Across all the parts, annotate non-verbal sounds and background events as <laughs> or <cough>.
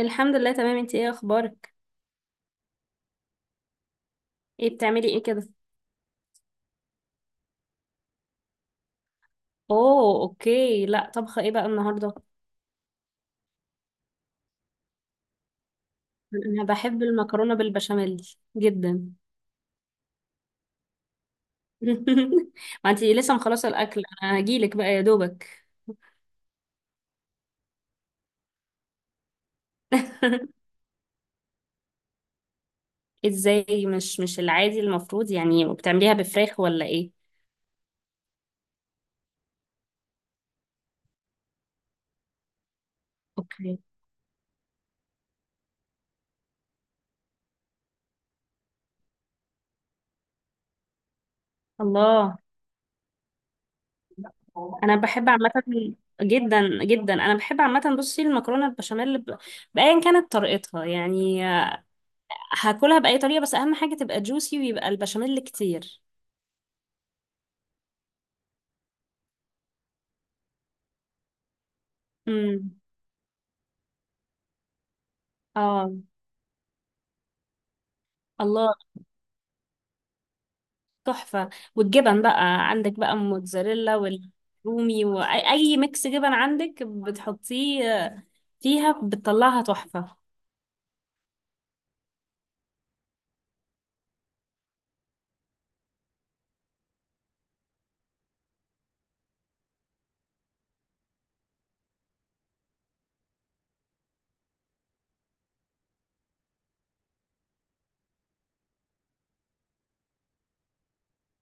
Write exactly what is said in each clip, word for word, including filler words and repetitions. الحمد لله، تمام. انت ايه اخبارك؟ ايه بتعملي ايه كده؟ اوه، اوكي. لا، طبخه ايه بقى النهارده؟ انا بحب المكرونه بالبشاميل جدا. <laughs> ما انت لسه مخلصه الاكل، انا هجيلك بقى يا دوبك. <laughs> ازاي؟ مش مش العادي، المفروض يعني بتعمليها بفراخ ولا ايه؟ اوكي. الله. انا بحب عامه جدا جدا، انا بحب عامه. بصي، المكرونه البشاميل ب- بايا كانت طريقتها، يعني هاكلها بأي طريقة، بس أهم حاجة تبقى جوسي ويبقى البشاميل كتير. امم. اه. الله. تحفة. والجبن بقى عندك بقى موتزاريلا والرومي، وأي أي ميكس جبن عندك بتحطيه فيها بتطلعها تحفة.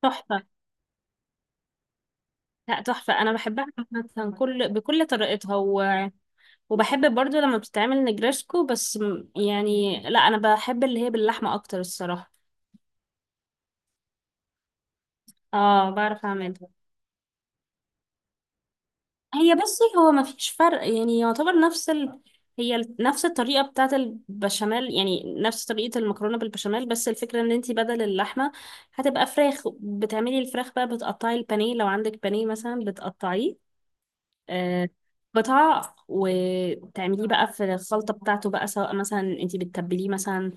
تحفة. لا، تحفة، أنا بحبها. عامة كل بكل طريقتها، و... وبحب برضو لما بتتعمل نجرسكو، بس م- يعني لا، أنا بحب اللي هي باللحمة أكتر الصراحة. اه، بعرف أعملها. هي بصي، هو ما فيش فرق، يعني يعتبر نفس ال... هي ال- نفس الطريقة بتاعة البشاميل، يعني نفس طريقة المكرونة بالبشاميل، بس الفكرة ان انتي بدل اللحمة هتبقى فراخ. بتعملي الفراخ بقى، بتقطعي البانيه لو عندك بانيه مثلا بتقطعيه آه، قطع، وتعمليه بقى في الخلطة بتاعته بقى، سواء مثلا انتي بتتبليه مثلا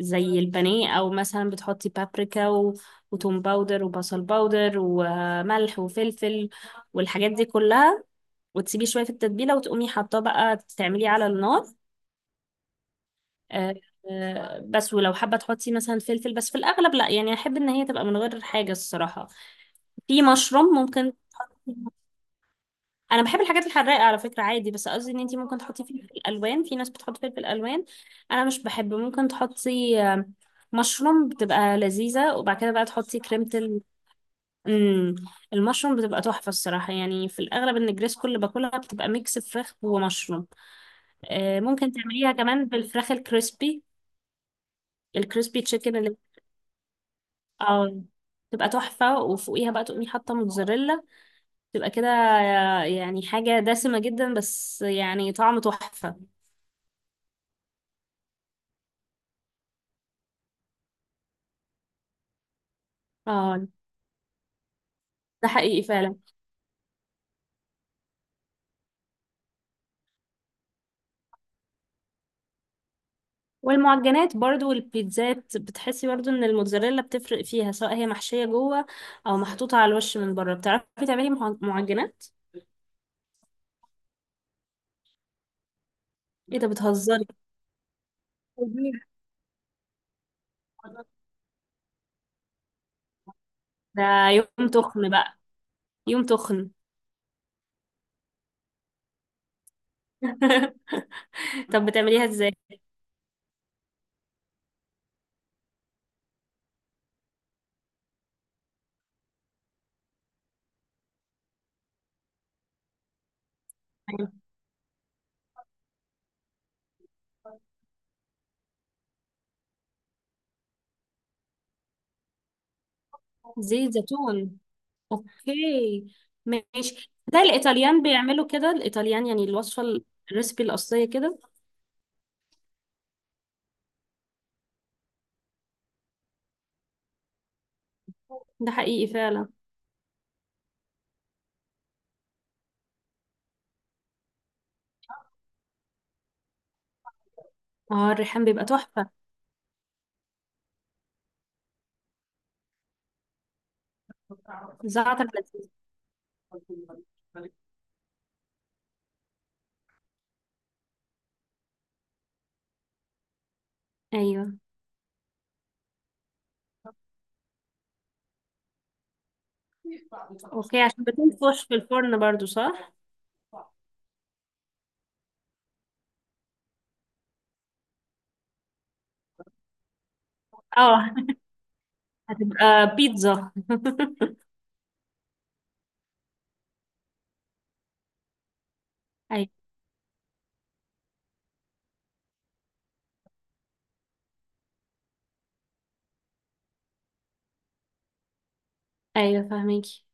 زي البانيه، او مثلا بتحطي بابريكا و... وتوم باودر وبصل باودر وملح وفلفل والحاجات دي كلها، وتسيبيه شويه في التتبيله، وتقومي حاطاه بقى تعمليه على النار. آه، آه، بس ولو حابه تحطي مثلا فلفل، بس في الاغلب لا، يعني احب ان هي تبقى من غير حاجه الصراحه. في مشروم ممكن. <laughs> انا بحب الحاجات الحراقه على فكره عادي، بس قصدي ان انتي ممكن تحطي فلفل الوان، في ناس بتحط فلفل الوان. انا مش بحب، ممكن تحطي آه، مشروم، بتبقى لذيذه. وبعد كده بقى تحطي كريمه ال... مم. المشروم بتبقى تحفه الصراحه، يعني في الاغلب ان الجريس كل اللي باكلها بتبقى ميكس فراخ ومشروم. آه، ممكن تعمليها كمان بالفراخ الكريسبي، الكريسبي تشيكن اللي اه تبقى تحفة، وفوقيها بقى تقومي حاطة موتزاريلا، تبقى كده آه، يعني حاجة دسمة جدا، بس يعني طعم تحفة. اه، ده حقيقي فعلا. والمعجنات برضو والبيتزات، بتحسي برضو ان الموتزاريلا بتفرق فيها، سواء هي محشية جوه او محطوطة على الوش من بره. بتعرفي تعملي مع- معجنات؟ ايه ده، بتهزري؟ ده يوم تخن بقى. يوم تخن. <laughs> طب بتعمليها ازاي؟ زيت زيتون. اوكي. ماشي، ده الايطاليان بيعملوا كده، الايطاليان يعني الوصفه الريسبي الاصليه كده. ده حقيقي فعلا. اه، الريحان بيبقى تحفه. زعتر لذيذ. ايوه. اوكي، عشان بتنفش في الفرن برضو صح؟ اه. <laughs> هتبقى بيتزا. <laughs> ايوه. ايوه، فهميكي.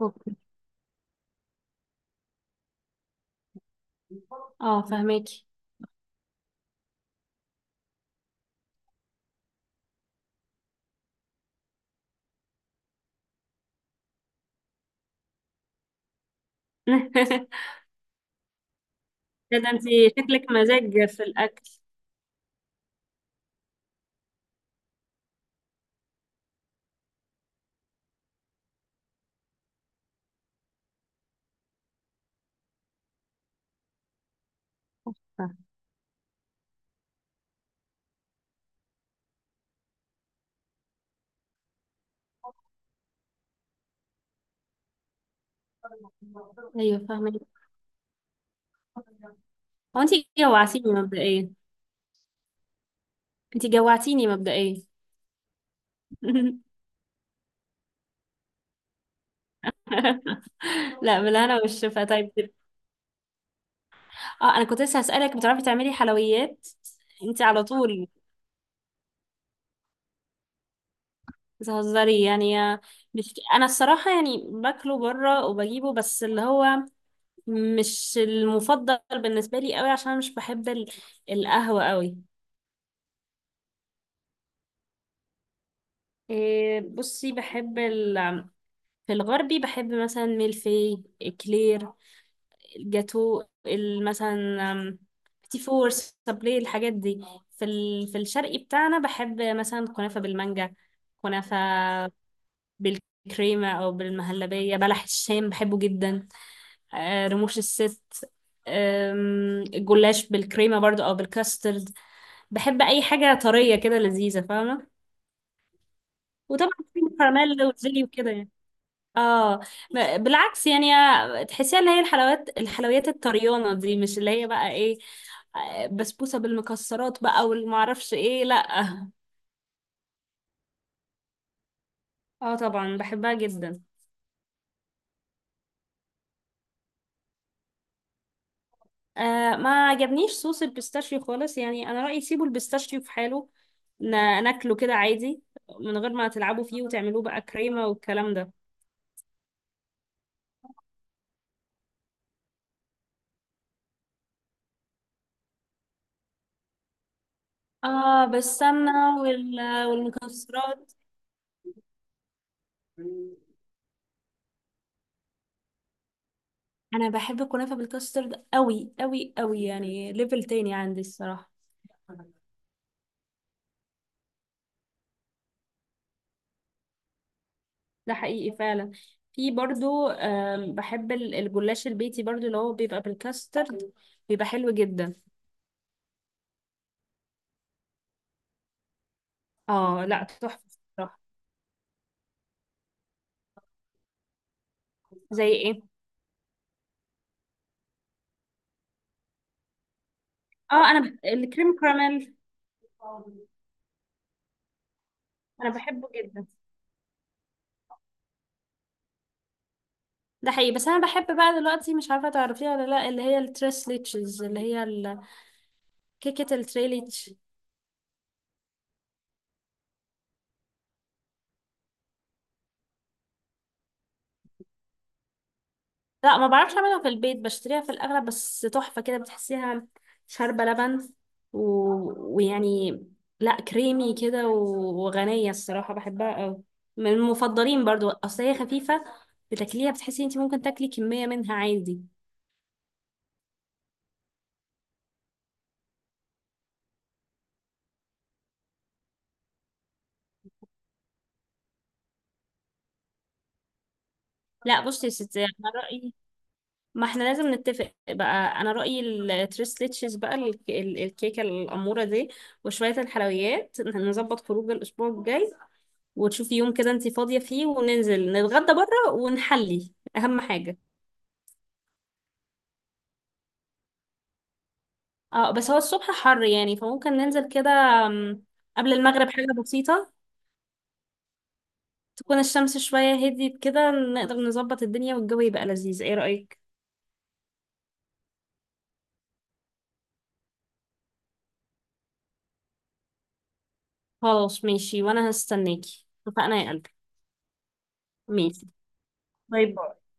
اوكي، اه، فهميكي. <laughs> ده انت شكلك مزاج في الاكل. ايوه، فهميكي. هو انتي جوعتيني مبدئيا. انتي جوعتيني مبدئيا. <laughs> لا، بالهنا والشفا طيب. اه، انا كنت لسه هسألك بتعرفي تعملي حلويات؟ انتي على طول بتهزري يعني آه، مش انا الصراحة، يعني باكله بره وبجيبه، بس اللي هو مش المفضل بالنسبة لي قوي، عشان أنا مش بحب ال- القهوة قوي. إيه، بصي، بحب ال... في الغربي بحب مثلا ميلفي اكلير، الجاتو ال- مثلا أم، بتي فور سابلي الحاجات دي. في ال... في الشرقي بتاعنا بحب مثلا كنافة بالمانجا. كنافة بالكريمة أو بالمهلبية. بلح الشام بحبه جدا. آه، رموش الست. آم، الجلاش بالكريمة برضو أو بالكاسترد. بحب أي حاجة طرية كده لذيذة، فاهمة؟ وطبعا في كراميل وزيلي وكده يعني. اه. ب- بالعكس، يعني آه، تحسيها اللي هي الحلويات، الحلويات الطريانة دي، مش اللي هي بقى ايه، آه، بسبوسة بالمكسرات بقى والمعرفش ايه، لا. اه، طبعا بحبها جدا. آه، ما عجبنيش صوص البيستاشيو خالص، يعني انا رأيي سيبوا البيستاشيو في حاله، ن- ناكله كده عادي، من غير ما تلعبوا فيه وتعملوه بقى كريمة والكلام ده. اه، بالسمنة وال- والمكسرات. انا بحب الكنافه بالكاسترد قوي قوي قوي، يعني ليفل تاني عندي الصراحه. ده حقيقي فعلا. في برضو، آم، بحب ال- الجلاش البيتي برضو، اللي هو بيبقى بالكاسترد، بيبقى حلو جدا. اه، لا تحفة. بصراحة. زي ايه؟ اه، انا ب- الكريم كراميل. انا بحبه جدا. ده حقيقي. بس انا بحب بقى دلوقتي، مش عارفه تعرفيها ولا لا، اللي هي التريس ليتشز، اللي هي ال- كيكه التري ليتش. لا، ما بعرفش اعملها في البيت، بشتريها في الاغلب، بس تحفة كده، بتحسيها شاربة لبن، و... ويعني، لا كريمي كده و- وغنية الصراحة، بحبها قوي، من المفضلين برضو، اصل هي خفيفة، بتاكليها بتحسي انت ممكن تاكلي كمية منها عادي. لا بصي يا ستي، انا رأيي، ما احنا لازم نتفق بقى. انا رأيي التريس ليتشز بقى ال- ال- الكيكة الأمورة دي وشوية الحلويات، نظبط خروج الأسبوع الجاي، وتشوفي يوم كده انتي فاضية فيه وننزل نتغدى بره ونحلي أهم حاجة. اه، بس هو الصبح حر يعني، فممكن ننزل كده أم، قبل المغرب حاجة بسيطة، تكون الشمس شوية هديت كده، نقدر نظبط الدنيا والجو يبقى لذيذ. ايه رأيك؟ خلاص، ماشي، وانا هستناكي. اتفقنا يا قلبي. ماشي. باي باي.